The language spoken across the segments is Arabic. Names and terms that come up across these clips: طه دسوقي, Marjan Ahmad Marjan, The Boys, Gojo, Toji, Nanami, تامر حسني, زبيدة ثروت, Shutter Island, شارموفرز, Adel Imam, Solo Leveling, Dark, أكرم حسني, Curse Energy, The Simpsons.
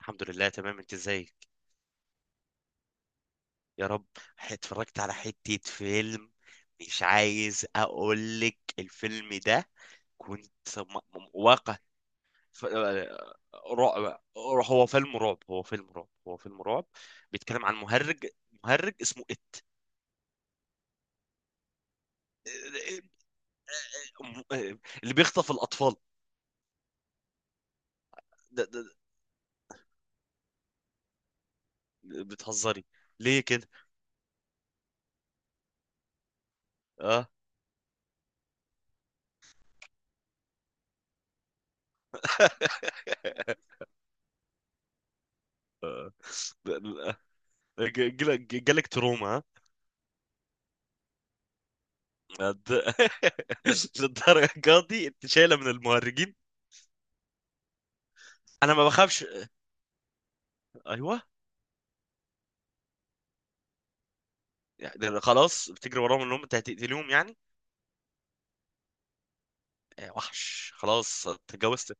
الحمد لله، تمام. انت ازيك؟ يا رب. اتفرجت على حتة فيلم. مش عايز اقول لك الفيلم ده. كنت واقع، ف- آه، رعب. هو فيلم رعب، هو فيلم رعب، هو فيلم رعب. بيتكلم عن مهرج، مهرج اسمه ات. آه، آه، اللي بيخطف الاطفال. ده ده بتهزري؟ ليه كده؟ اه. آه. جالك تروما؟ آه. للد- للدرجه دي انت شايله من المهرجين؟ انا ما بخافش. ايوه. يعني خلاص بتجري وراهم انهم انت هتقتلهم يعني. آه، وحش. خلاص اتجوزت.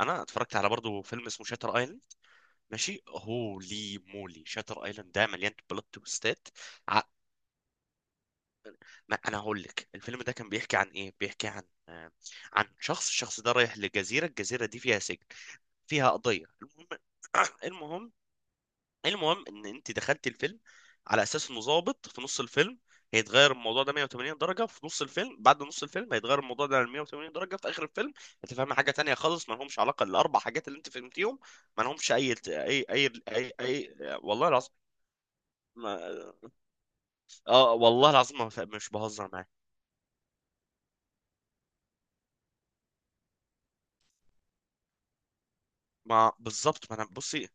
انا اتفرجت على برضه فيلم اسمه شاتر ايلاند. ماشي، هولي مولي، شاتر ايلاند ده مليان بلوت تويستات. ع- ما انا هقول لك الفيلم ده كان بيحكي عن ايه. بيحكي عن، آه، عن شخص. الشخص ده رايح لجزيره، الجزيره دي فيها سجن، فيها قضيه. المهم، المهم المهم ان انت دخلت الفيلم على اساس انه ظابط. في نص الفيلم هيتغير الموضوع ده 180 درجة، في نص الفيلم. بعد نص الفيلم هيتغير الموضوع ده 180 درجة. في آخر الفيلم هتفهم حاجة تانية خالص ما لهمش علاقة الأربع حاجات اللي أنت فهمتيهم. ما لهمش أي. والله العظيم، ما... اه، والله العظيم، ما... ف- مش بهزر معاك. ما بالظبط، ما انا بصي.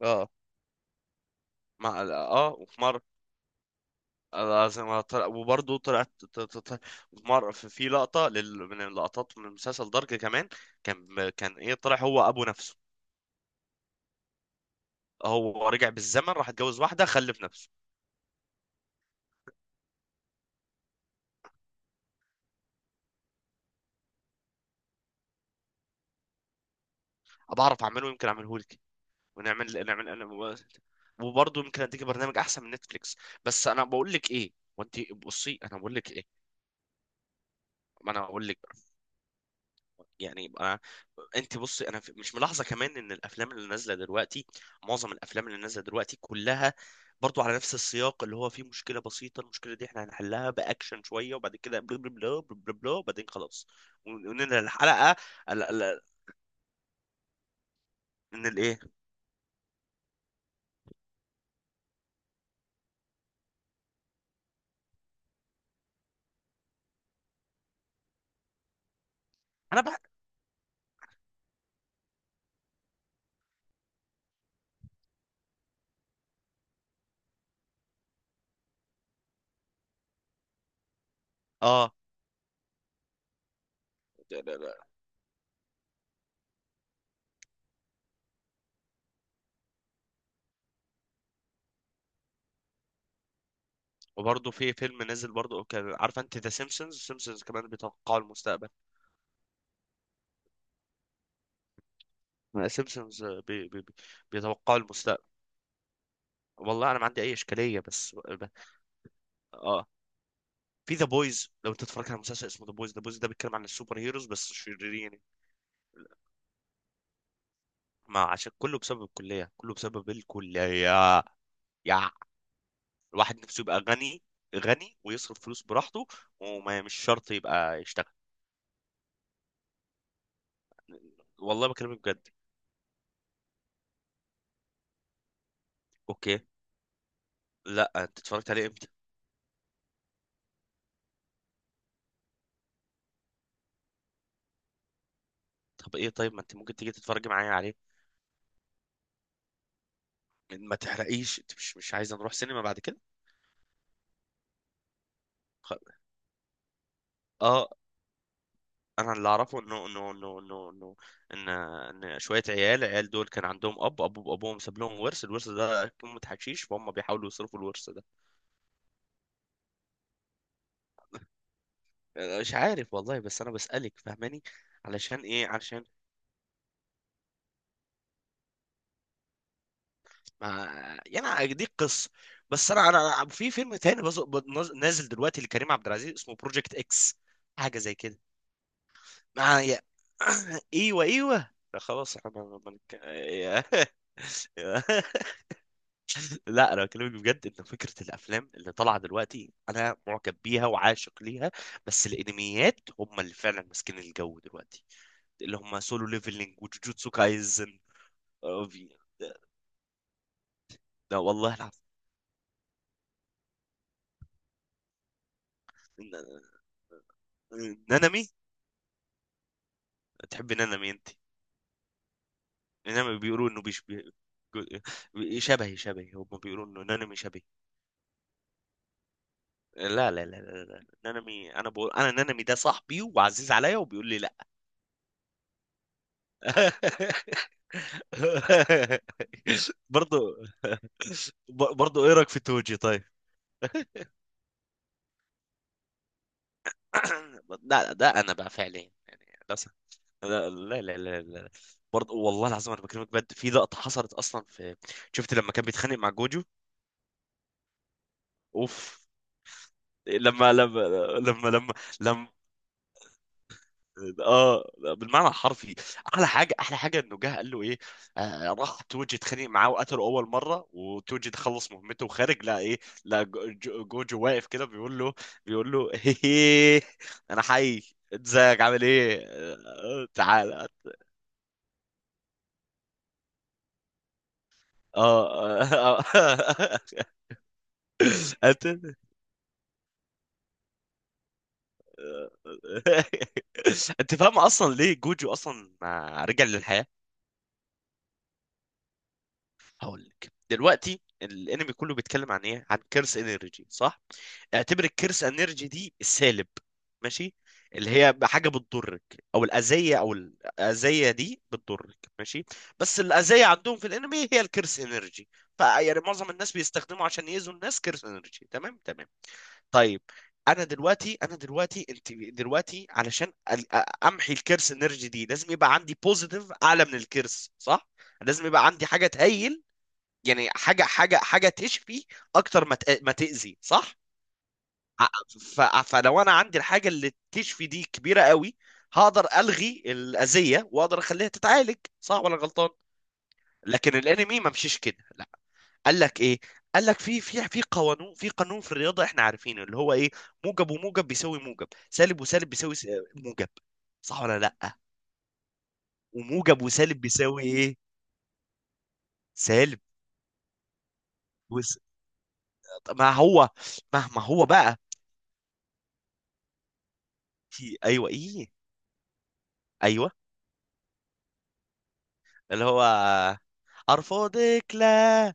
اه. ما اه وفي مرة لازم أطلع، وبرضه طلعت. في لقطة من اللقطات من مسلسل دارك كمان. كان ايه؟ طلع هو ابو نفسه. هو رجع بالزمن راح اتجوز واحدة خلف نفسه. بعرف اعمله، يمكن اعمله لك. ونعمل نعمل نعمل- وبرضه يمكن اديك برنامج احسن من نتفليكس. بس انا بقول لك ايه، وانت بصي، انا بقول لك ايه. ما انا اقول لك. يعني يبقى، انت بصي، انا مش ملاحظه كمان ان الافلام اللي نازله دلوقتي، معظم الافلام اللي نازله دلوقتي كلها برضو على نفس السياق اللي هو فيه مشكله بسيطه، المشكله دي احنا هنحلها باكشن شويه، وبعد كده بلا بلا بلا بلا بلا بلا، وبعدين خلاص، وننهي الحلقه. ال- ال- من الايه؟ انا بقى. اه. لا. وبرضه في فيلم نازل برضه، كان عارفه انت ذا سيمبسونز؟ سيمبسونز كمان بيتوقعوا المستقبل. سيمبسونز. بيتوقعوا المستقبل. والله انا ما عندي اي اشكاليه بس اه. في ذا بويز، لو انت اتفرجت على مسلسل اسمه ذا بويز. ذا بويز ده بيتكلم عن السوبر هيروز بس شريرين. ما عشان كله بسبب الكليه، كله بسبب الكليه. يا، الواحد نفسه يبقى غني، غني ويصرف فلوس براحته، وما مش شرط يبقى يشتغل. والله بكلمك بجد. اوكي. لا، انت اتفرجت عليه امتى؟ طب ايه؟ طيب، ما انت ممكن تيجي تتفرج معايا عليه. ما تحرقيش، انت مش عايزه نروح سينما بعد كده؟ خ- اه. انا اللي اعرفه انه انه انه انه انه ان ان شويه عيال، دول كان عندهم اب، وابوهم ساب لهم ورث، الورث ده قيمه حشيش، فهم بيحاولوا يصرفوا الورث ده. مش عارف والله، بس انا بسالك، فاهماني؟ علشان ايه؟ علشان. ما. يعني دي قصه. بس في فيلم تاني نازل دلوقتي لكريم عبد العزيز اسمه بروجكت اكس. حاجه زي كده. معايا. ايوه، ايوه، لا خلاص، احنا ما- ما نتك- يا- لا، انا بكلمك بجد ان فكره الافلام اللي طالعه دلوقتي انا معجب بيها وعاشق ليها. بس الانميات هم اللي فعلا ماسكين الجو دلوقتي، اللي هم سولو ليفلينج وجوجوتسو كايزن. آه، في- ده, ده والله العظيم. نانامي. تحب نانامي انت؟ نانامي بيقولوا انه شبهي. هم بيقولوا انه نانامي شبهي. لا، لا، لا، لا، لا. نانامي، انا بقول انا نانامي ده صاحبي وعزيز عليا، وبيقول لي لا. برضو. برضو، ايه رايك في توجي طيب؟ لا ده انا بقى فعليا يعني للاسف. لا، لا، لا، لا، لا. برضه والله العظيم، انا بكلمك بجد، في لقطه حصلت اصلا في، شفت لما كان بيتخانق مع جوجو؟ اوف. لما لما لما لما لما، اه، بالمعنى الحرفي. احلى حاجه، احلى حاجه، انه جه قال له ايه. آه، راح توجي اتخانق معاه وقتله اول مره، وتوجي خلص مهمته وخارج. لا ايه، لا، جوجو واقف كده بيقول له، بيقول له هيه، انا حي، ازيك، عامل ايه، آه، تعالى. اه، آه، آه. انت. انت فاهم اصلا ليه جوجو اصلا رجع للحياه؟ هقول لك دلوقتي. الانمي كله بيتكلم عن ايه؟ عن كيرس انرجي، صح؟ اعتبر الكيرس انرجي دي السالب، ماشي؟ اللي هي حاجه بتضرك، او الاذيه. دي بتضرك، ماشي؟ بس الاذيه عندهم في الانمي هي الكيرس انرجي. فيعني معظم الناس بيستخدموا عشان يأذوا الناس كيرس انرجي، تمام، تمام؟ طيب، انا دلوقتي انا دلوقتي انت دلوقتي علشان امحي الكيرس انرجي دي، لازم يبقى عندي بوزيتيف اعلى من الكيرس، صح؟ لازم يبقى عندي حاجه تهيل، يعني حاجه تشفي اكتر ما تاذي، صح؟ ع- ف- فلو انا عندي الحاجه اللي تشفي دي كبيره قوي، هقدر الغي الاذيه واقدر اخليها تتعالج، صح ولا غلطان؟ لكن الانمي ما مشيش كده، لا. قال لك ايه؟ قال لك في قانون، في قانون في الرياضه احنا عارفينه، اللي هو ايه؟ موجب وموجب بيساوي موجب، سالب وسالب بيساوي موجب، صح ولا لا؟ وموجب وسالب بيساوي ايه؟ سالب. وس... طب ما هو، مهما هو بقى، في، ايوه، ايه، ايوه، اللي هو ارفضك لا،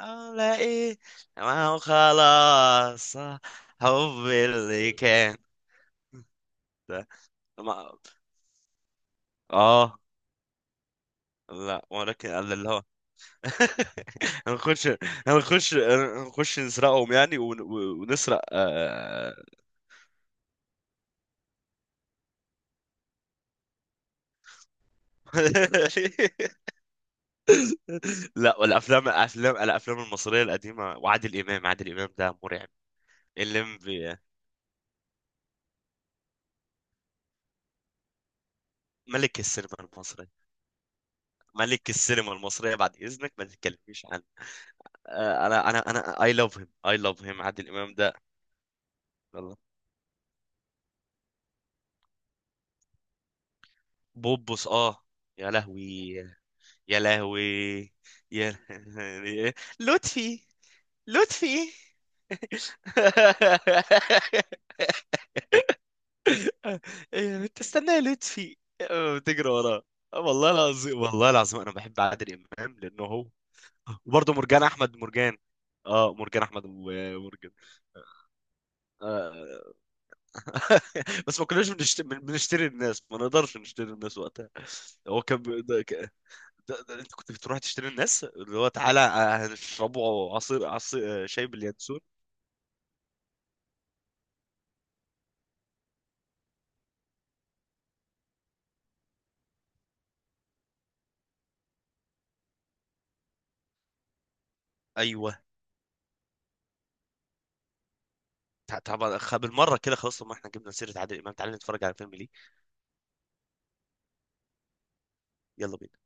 ولا ايه؟ ما هو خلاص، حب اللي كان، ده. ما. اه. لا، ولكن قال اللي هو، هنخش هنخش نسرقهم يعني، ونسرق. آه. لا، والافلام، الافلام الافلام المصريه القديمه، وعادل امام. عادل امام ده مرعب. الليمبي. ملك السينما المصري. ملك السينما المصرية، بعد إذنك ما تتكلميش عنه. آه، أنا I love him, I love him. عادل إمام ده، والله. بوبوس، آه، يا لهوي، يا لهوي، يا لطفي، لطفي. تستنى يا لطفي. آه، بتجري وراه. آه، والله العظيم، والله العظيم أنا بحب عادل إمام لأنه هو. وبرضه مرجان أحمد مرجان، آه، مرجان أحمد مرجان. بس ما كناش بنشتري الناس، ما نقدرش نشتري الناس وقتها. هو كان ده، ده انت كنت بتروح تشتري الناس، اللي هو تعالى، آه، هنشربوا عصير، شاي باليانسون. ايوه. طبعا، بالمره كده خلاص. طب ما احنا جبنا سيره عادل امام، تعالى نتفرج على فيلم ليه. يلا بينا.